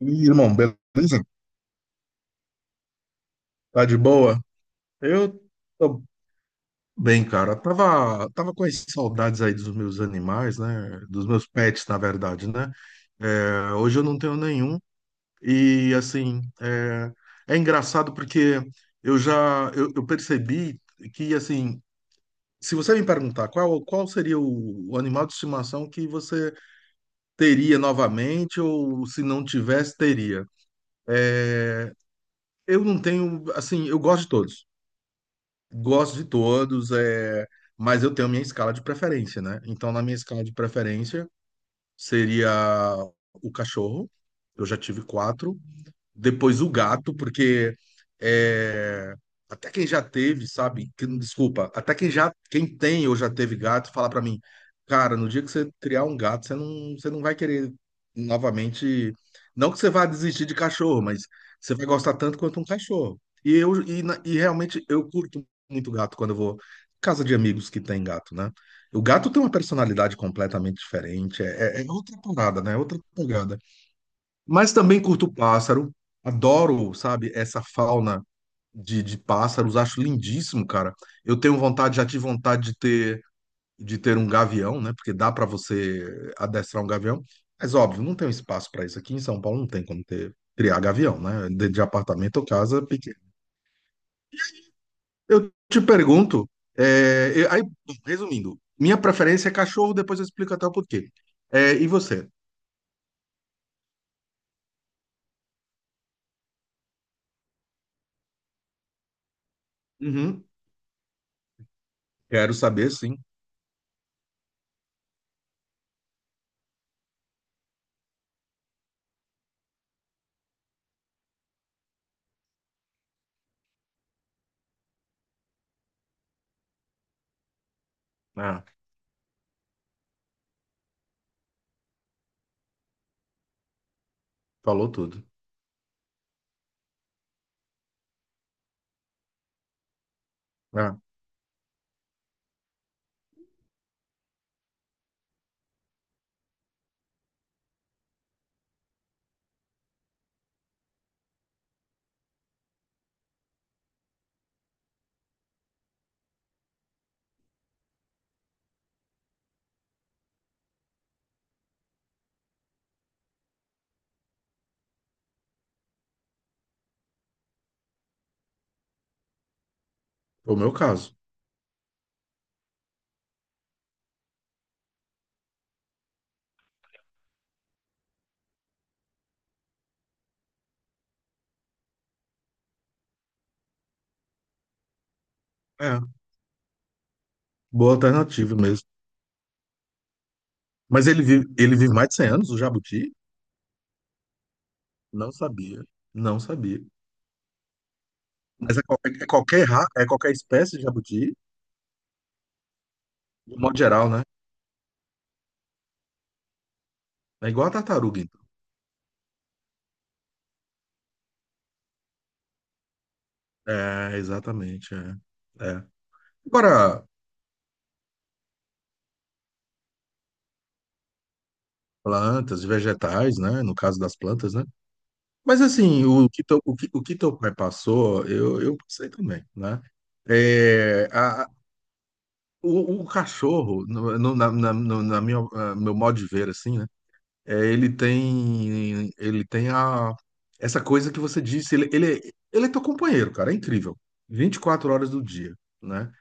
E, irmão, beleza? Tá de boa? Eu tô bem, cara. Tava com as saudades aí dos meus animais, né? Dos meus pets, na verdade, né? É, hoje eu não tenho nenhum. E, assim, é engraçado porque eu percebi que, assim, se você me perguntar qual seria o animal de estimação que você teria novamente ou se não tivesse, teria. Eu não tenho, assim, eu gosto de todos. Gosto de todos, é, mas eu tenho minha escala de preferência, né? Então, na minha escala de preferência seria o cachorro. Eu já tive quatro depois o gato, porque é, até quem já teve, sabe? Desculpa, até quem tem ou já teve gato, fala pra mim, cara, no dia que você criar um gato, você não vai querer novamente, não que você vá desistir de cachorro, mas você vai gostar tanto quanto um cachorro. E realmente eu curto muito gato quando eu vou em casa de amigos que tem gato, né? O gato tem uma personalidade completamente diferente, é outra parada, né? É outra pegada. Mas também curto pássaro, adoro, sabe, essa fauna de pássaros, acho lindíssimo, cara. Eu tenho vontade, já tive vontade de ter um gavião, né? Porque dá para você adestrar um gavião, mas óbvio, não tem um espaço para isso aqui em São Paulo, não tem como ter, criar gavião, né? de apartamento ou casa pequena. Eu te pergunto, aí, resumindo, minha preferência é cachorro, depois eu explico até o porquê. É, e você? Uhum, quero saber, sim. Ah, falou tudo. Ah, o meu caso. É, boa alternativa mesmo. Mas ele vive mais de 100 anos, o jabuti? Não sabia, não sabia. Mas é qualquer espécie de jabuti, de modo geral, né? É igual a tartaruga, então. É, exatamente, é. É. Agora, plantas, vegetais, né? No caso das plantas, né? Mas assim, o que teu pai passou, eu passei também, né? É, a, a- o cachorro, no, no- na, na, no- na minha, ah, meu modo de ver, assim, é, ele tem essa coisa que você disse, ele é teu companheiro, cara, é incrível. 24 horas do dia, né?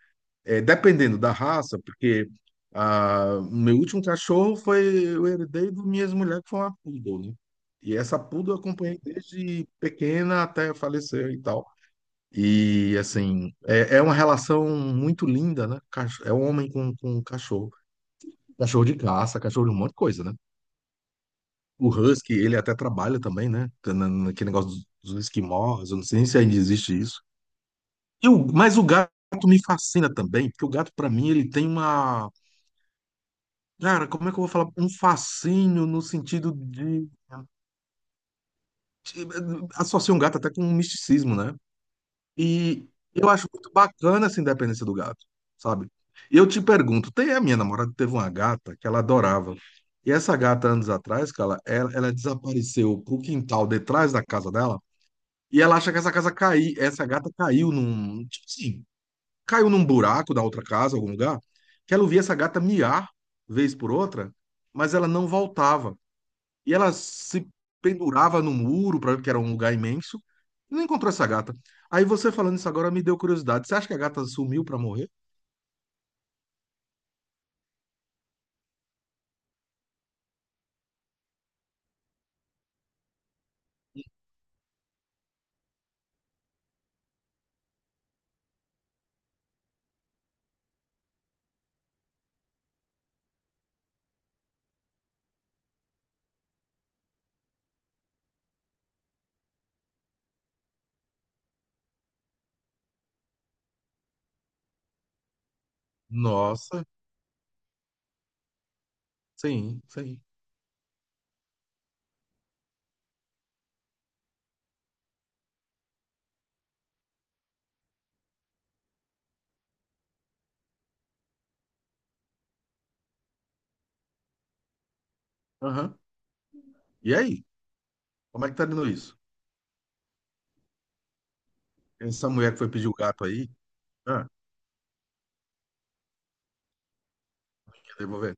É, dependendo da raça, porque meu último cachorro foi, eu herdei do minhas mulheres que foi uma poodle, né? E essa poodle eu acompanhei desde pequena até falecer e tal. E, assim, é uma relação muito linda, né? É um homem com um cachorro. Cachorro de caça, cachorro de um monte de coisa, né? O Husky, ele até trabalha também, né? Naquele negócio dos esquimós, eu não sei nem se ainda existe isso. Mas o gato me fascina também, porque o gato, pra mim, ele tem uma. Cara, como é que eu vou falar? Um fascínio no sentido de. de- Associa um gato até com um misticismo, né? E eu acho muito bacana essa independência do gato, sabe? E eu te pergunto, tem a minha namorada teve uma gata que ela adorava. E essa gata, anos atrás, cara, ela desapareceu pro quintal detrás da casa dela. E ela acha que essa gata caiu num, tipo assim, caiu num buraco da outra casa, algum lugar, que ela ouvia essa gata miar vez por outra, mas ela não voltava. E ela se pendurava no muro, pra, que era um lugar imenso, e não encontrou essa gata. Aí você falando isso agora me deu curiosidade. Você acha que a gata sumiu pra morrer? Nossa, sim, sim. Aham. E aí? Como é que tá dando isso? Essa mulher que foi pedir o gato aí, ah, quer devolver?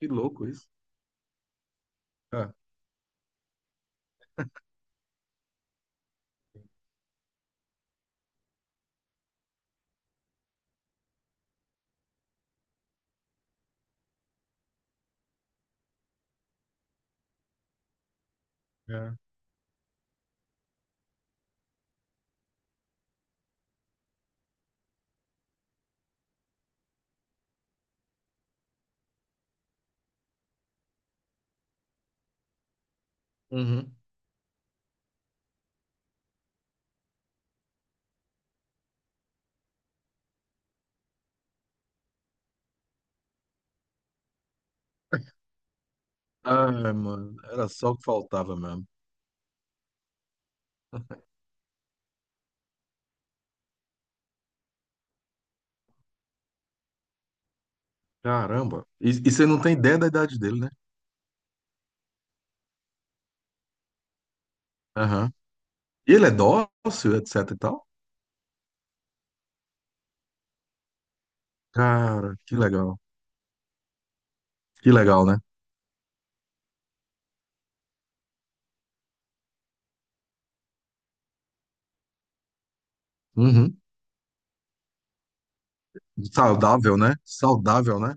Que louco isso. Ah, é. Uhum. Ai, mano, era só o que faltava mesmo. Caramba. E você não tem ideia da idade dele, né? Aham. E ele é dócil, etc e tal? Cara, que legal. Que legal, né? Uhum. Saudável, né? Saudável, né?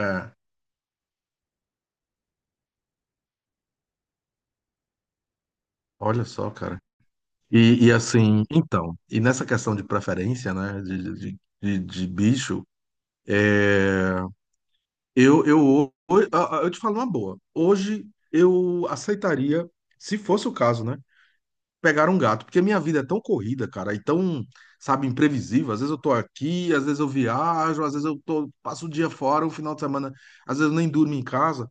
É. Olha só, cara. E assim, então, e nessa questão de preferência, né? de bicho, é, eu, ho- ho- ah, ah, eu te falo uma boa. Hoje eu aceitaria, se fosse o caso, né? Pegar um gato, porque a minha vida é tão corrida, cara, e tão, sabe, imprevisível. Às vezes eu tô aqui, às vezes eu viajo, às vezes eu tô, passo o dia fora, o final de semana, às vezes eu nem durmo em casa.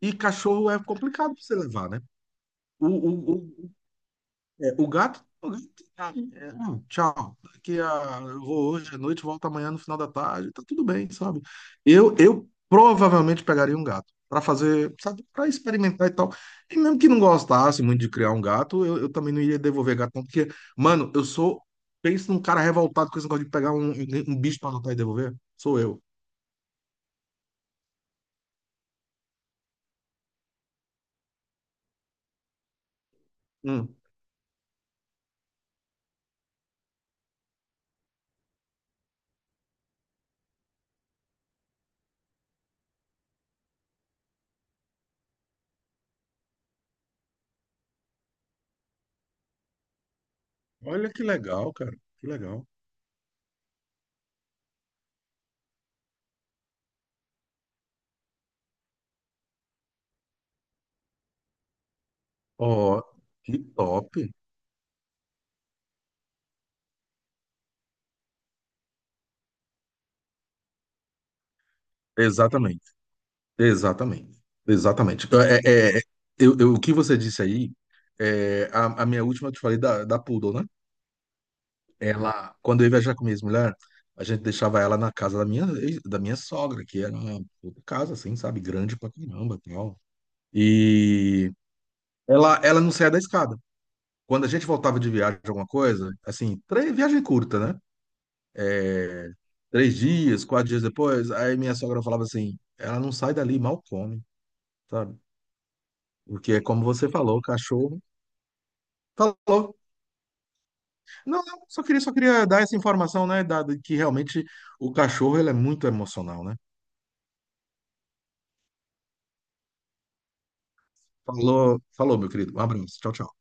E cachorro é complicado pra você levar, né? O, o, o gato, ah, é, tchau. Eu vou hoje à noite, volto amanhã no final da tarde, tá tudo bem, sabe? Eu provavelmente pegaria um gato para fazer, sabe, para experimentar e tal. E mesmo que não gostasse muito de criar um gato, eu também não iria devolver gato, não, porque, mano, penso num cara revoltado com esse negócio de pegar um bicho para adotar e devolver. Sou eu. Hum. Olha que legal, cara, que legal. Ó, que top. Exatamente. Exatamente, exatamente. Então, o que você disse aí, é, a minha última, que eu te falei da Poodle, né? Ela, quando eu ia viajar com minha mulher, a gente deixava ela na casa da minha, sogra, que era uma puta casa, assim, sabe? Grande pra caramba e tal. E ela não saía da escada. Quando a gente voltava de viagem, alguma coisa, assim, viagem curta, né? É, 3 dias, 4 dias depois, aí minha sogra falava assim, ela não sai dali, mal come, sabe? Porque é como você falou, cachorro. Falou. Não, não, só queria dar essa informação, né? De que realmente o cachorro ele é muito emocional, né? Falou, falou, meu querido. Um abraço. Tchau, tchau.